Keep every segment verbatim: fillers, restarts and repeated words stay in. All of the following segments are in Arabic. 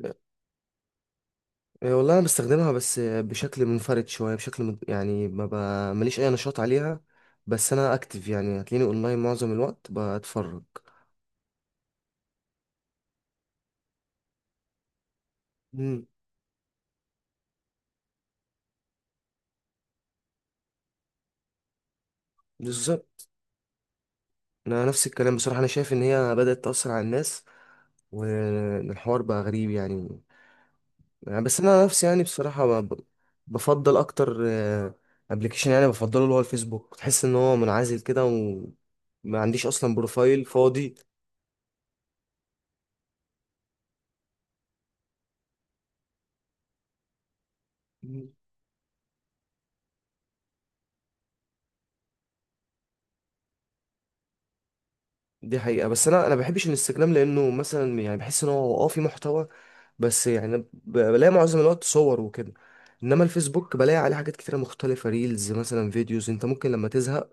آه، والله انا بستخدمها، بس آه، بشكل منفرد شويه. بشكل من... يعني ما ب... ماليش اي نشاط عليها. بس انا اكتف، يعني هتلاقيني اونلاين معظم الوقت بتفرج. امم. بالظبط. انا نفس الكلام بصراحه، انا شايف ان هي بدات تاثر على الناس، والحوار بقى غريب يعني. يعني بس انا نفسي يعني بصراحه ب... بفضل اكتر ابلكيشن، يعني بفضله اللي هو الفيسبوك. تحس ان هو منعزل كده، وما عنديش اصلا بروفايل فاضي. دي حقيقة، بس انا انا بحبش الانستجرام، لانه مثلا يعني بحس ان هو اه في محتوى، بس يعني ب- بلاقي معظم الوقت صور وكده. انما الفيسبوك بلاقي عليه حاجات كتيرة مختلفة، ريلز مثلا، فيديوز. انت ممكن لما تزهق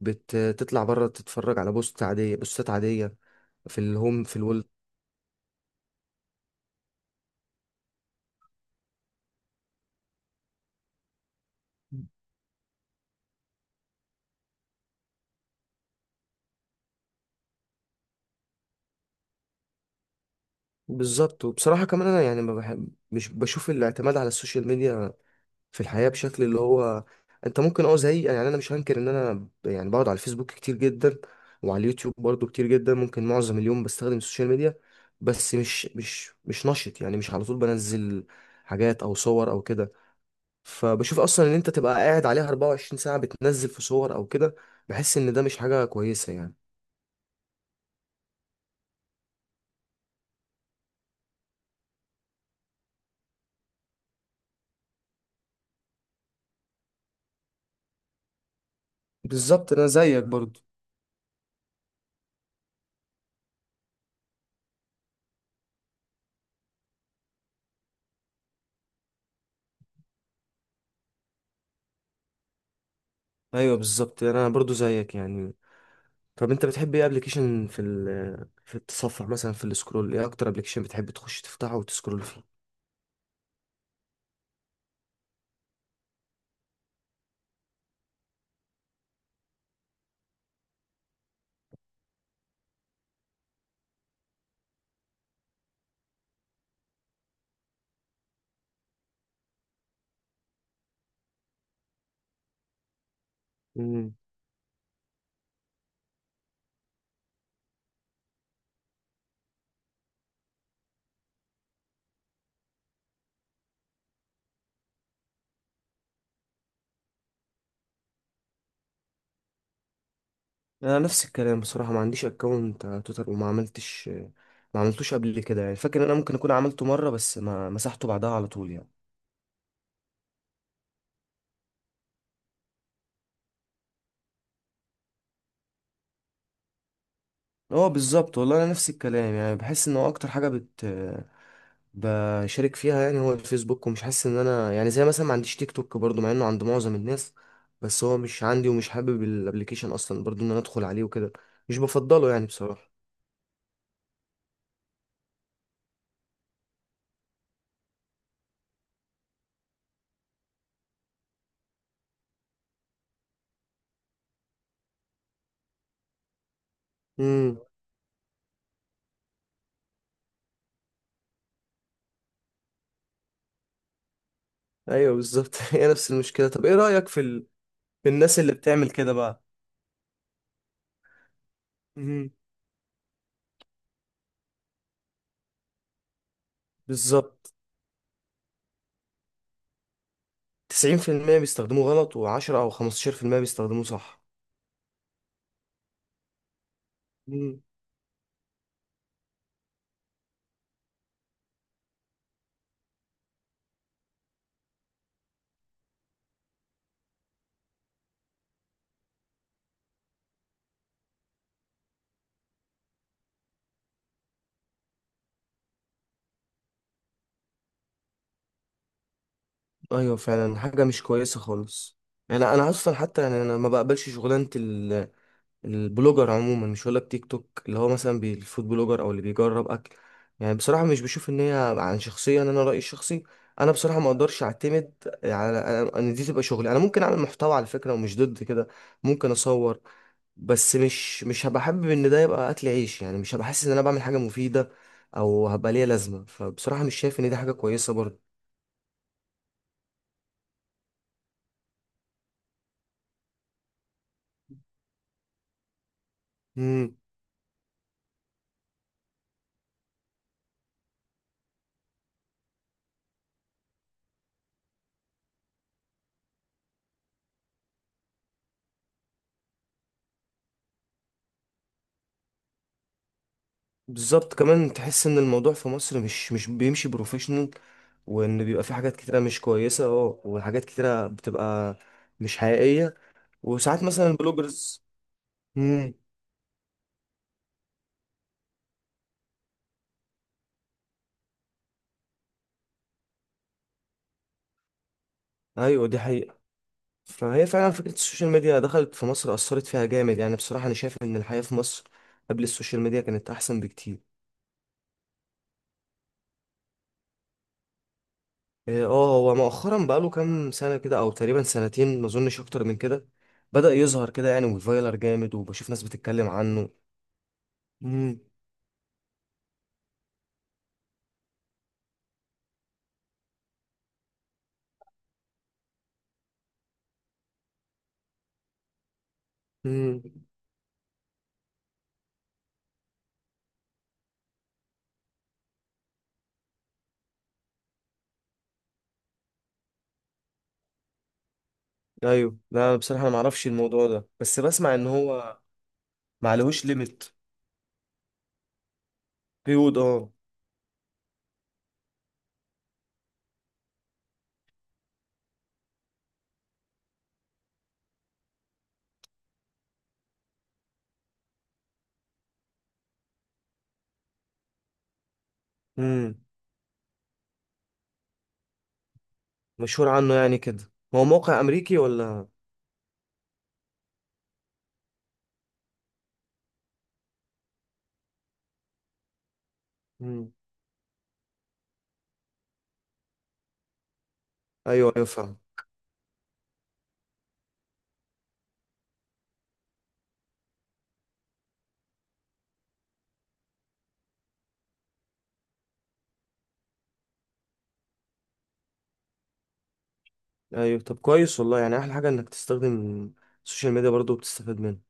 بتطلع بره تتفرج على بوست عادية، بوستات عادية، في الهوم في الول. بالظبط. وبصراحة كمان انا يعني ما بحب مش بشوف الاعتماد على السوشيال ميديا في الحياة بشكل اللي هو انت ممكن اه زي، يعني انا مش هنكر ان انا ب- يعني بقعد على الفيسبوك كتير جدا، وعلى اليوتيوب برضو كتير جدا. ممكن معظم اليوم بستخدم السوشيال ميديا، بس مش مش مش نشط، يعني مش على طول بنزل حاجات او صور او كده. فبشوف اصلا ان انت تبقى قاعد عليها اربعه وعشرين ساعة بتنزل في صور او كده، بحس ان ده مش حاجة كويسة يعني. بالظبط، انا زيك برضو. ايوه بالظبط، انا برضو زيك يعني. طب انت بتحب ايه ابلكيشن في ال في التصفح، مثلا في السكرول، ايه اكتر ابلكيشن بتحب تخش تفتحه وتسكرول فيه؟ امم. انا نفس الكلام بصراحه، ما عنديش اكونت على تويتر، وما عملتش ما عملتوش قبل كده يعني. فاكر ان انا ممكن اكون عملته مره بس ما مسحته بعدها على طول يعني. هو بالظبط، والله انا نفس الكلام، يعني بحس ان هو اكتر حاجه بت بشارك فيها يعني هو الفيسبوك. ومش حاسس ان انا يعني، زي مثلا ما عنديش تيك توك برضو مع انه عند معظم الناس، بس هو مش عندي، ومش حابب الابليكيشن اصلا برضو ان انا ادخل عليه وكده. مش بفضله يعني بصراحة. امم. ايوه بالظبط. هي نفس المشكلة. طب ايه رأيك في ال... في الناس اللي بتعمل كده بقى؟ مهم. بالظبط. تسعين في المية بيستخدموه غلط، و10 او خمسه عشر بالمية بيستخدموه صح. مهم. ايوه فعلا، حاجة مش كويسة خالص. يعني انا اصلا حتى يعني انا ما بقبلش شغلانة ال البلوجر عموما، مش هقولك تيك توك اللي هو مثلا بي- الفود بلوجر او اللي بيجرب اكل. يعني بصراحه مش بشوف ان هي عن شخصيا، انا رايي الشخصي، انا بصراحه ما اقدرش اعتمد على أنا- ان دي تبقى شغلي. انا ممكن اعمل محتوى على فكره، ومش ضد كده. ممكن اصور، بس مش مش هبقى حابب ان ده يبقى اكل عيش، يعني مش هبقى حاسس ان انا بعمل حاجه مفيده او هبقى ليها لازمه، فبصراحه مش شايف ان دي حاجه كويسه. برضه. بالظبط كمان تحس ان الموضوع في مصر مش مش بيمشي بروفيشنال، وان بيبقى في حاجات كتيره مش كويسه، اه وحاجات كتيره بتبقى مش حقيقيه. وساعات مثلا البلوجرز. امم. ايوه دي حقيقه. فهي فعلا فكره السوشيال ميديا دخلت في مصر، اثرت فيها جامد يعني. بصراحه انا شايف ان الحياه في مصر قبل السوشيال ميديا كانت احسن بكتير. اه، آه، هو مؤخرا بقاله كام سنه كده، او تقريبا سنتين ما اظنش اكتر من كده، بدأ يظهر كده يعني، وفايلر جامد، وبشوف ناس بتتكلم عنه. امم. ايوه لا، بصراحه انا ما اعرفش الموضوع ده، بس بسمع ان هو ما عليهوش ليميت. بيقول اه. امم. مشهور عنه يعني كده، هو موقع امريكي ولا؟ امم. ايوه ايوه فاهم. ايوه طب كويس والله، يعني احلى حاجه انك تستخدم السوشيال ميديا برضو بتستفاد منه.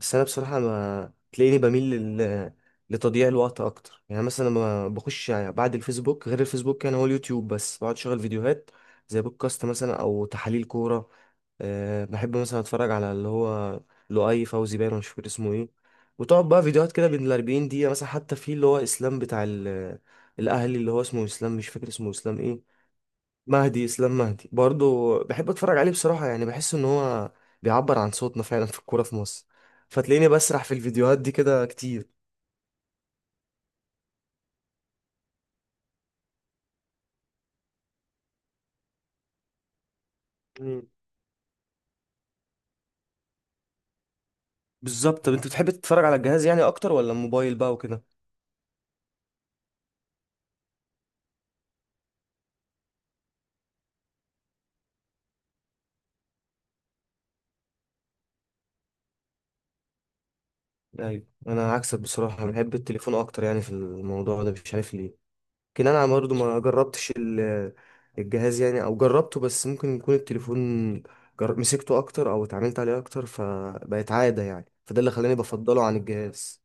بس انا بصراحه ما تلاقيني بميل لل... لتضييع الوقت اكتر. يعني مثلا لما بخش يعني بعد الفيسبوك، غير الفيسبوك يعني هو اليوتيوب، بس بقعد اشغل فيديوهات زي بودكاست مثلا، او تحاليل كوره. أه بحب مثلا اتفرج على اللي هو لؤي فوزي باين، ولا مش فاكر اسمه ايه، وتقعد بقى فيديوهات كده بين ال اربعين دقيقة مثلا. حتى في اللي هو اسلام بتاع ال- الاهلي، اللي هو اسمه اسلام، مش فاكر اسمه اسلام ايه، مهدي، اسلام مهدي، برضو بحب اتفرج عليه بصراحة. يعني بحس ان هو بيعبر عن صوتنا فعلا في الكورة في مصر، فتلاقيني بسرح في الفيديوهات دي كده كتير. مم. بالظبط. طب انت بتحب تتفرج على الجهاز يعني اكتر ولا الموبايل بقى وكده؟ ايوه انا عكسك بصراحة، بحب التليفون اكتر يعني في الموضوع ده، مش عارف ليه. لكن انا برضه ما جربتش ال- الجهاز يعني، او جربته، بس ممكن يكون التليفون جر... مسكته اكتر او اتعاملت عليه اكتر فبقت عادة يعني، فده اللي خلاني بفضله عن الجهاز.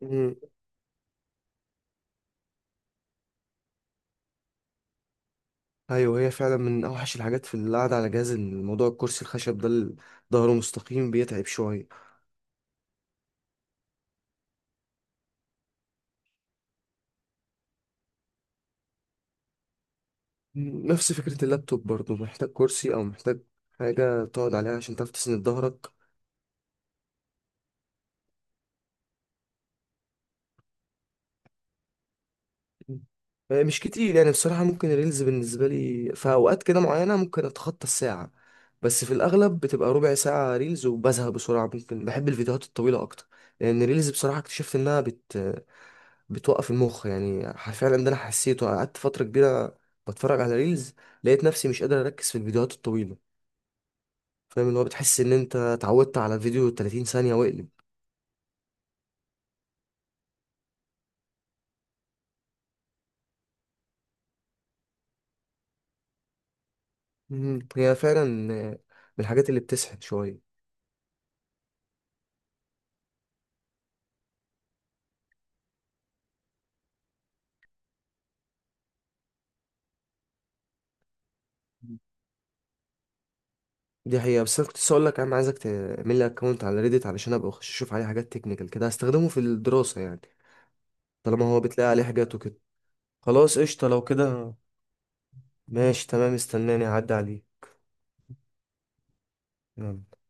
مم. ايوه هي فعلا من اوحش الحاجات في القعده على جهاز، الموضوع الكرسي الخشب ده اللي ظهره مستقيم بيتعب شويه. مم. نفس فكره اللابتوب برضه، محتاج كرسي او محتاج حاجه تقعد عليها عشان تعرف تسند ظهرك. آه، مش كتير يعني بصراحة. ممكن الريلز بالنسبة لي في أوقات كده معينة ممكن أتخطى الساعة، بس في الأغلب بتبقى ربع ساعة ريلز وبزهق بسرعة. ممكن بحب الفيديوهات الطويلة أكتر، لأن الريلز بصراحة اكتشفت إنها بت... بتوقف المخ. يعني ح- فعلا ده أنا حسيته، قعدت فترة كبيرة بتفرج على ريلز، لقيت نفسي مش قادر أركز في الفيديوهات الطويلة. فاهم اللي هو بتحس إن أنت اتعودت على فيديو تلاتين ثانية واقلب. مم. هي فعلا آه، من الحاجات اللي بتسحب شوية. دي حقيقة، بس انا كنت لسه اقول لك انا عايزك تعمل لي اكونت على ريديت علشان ابقى اخش اشوف عليه حاجات تكنيكال كده، هستخدمه في الدراسة يعني. طالما هو بتلاقي عليه حاجات وكده، خلاص قشطة لو كده. ماشي تمام، استناني اعدي عليه. يلا.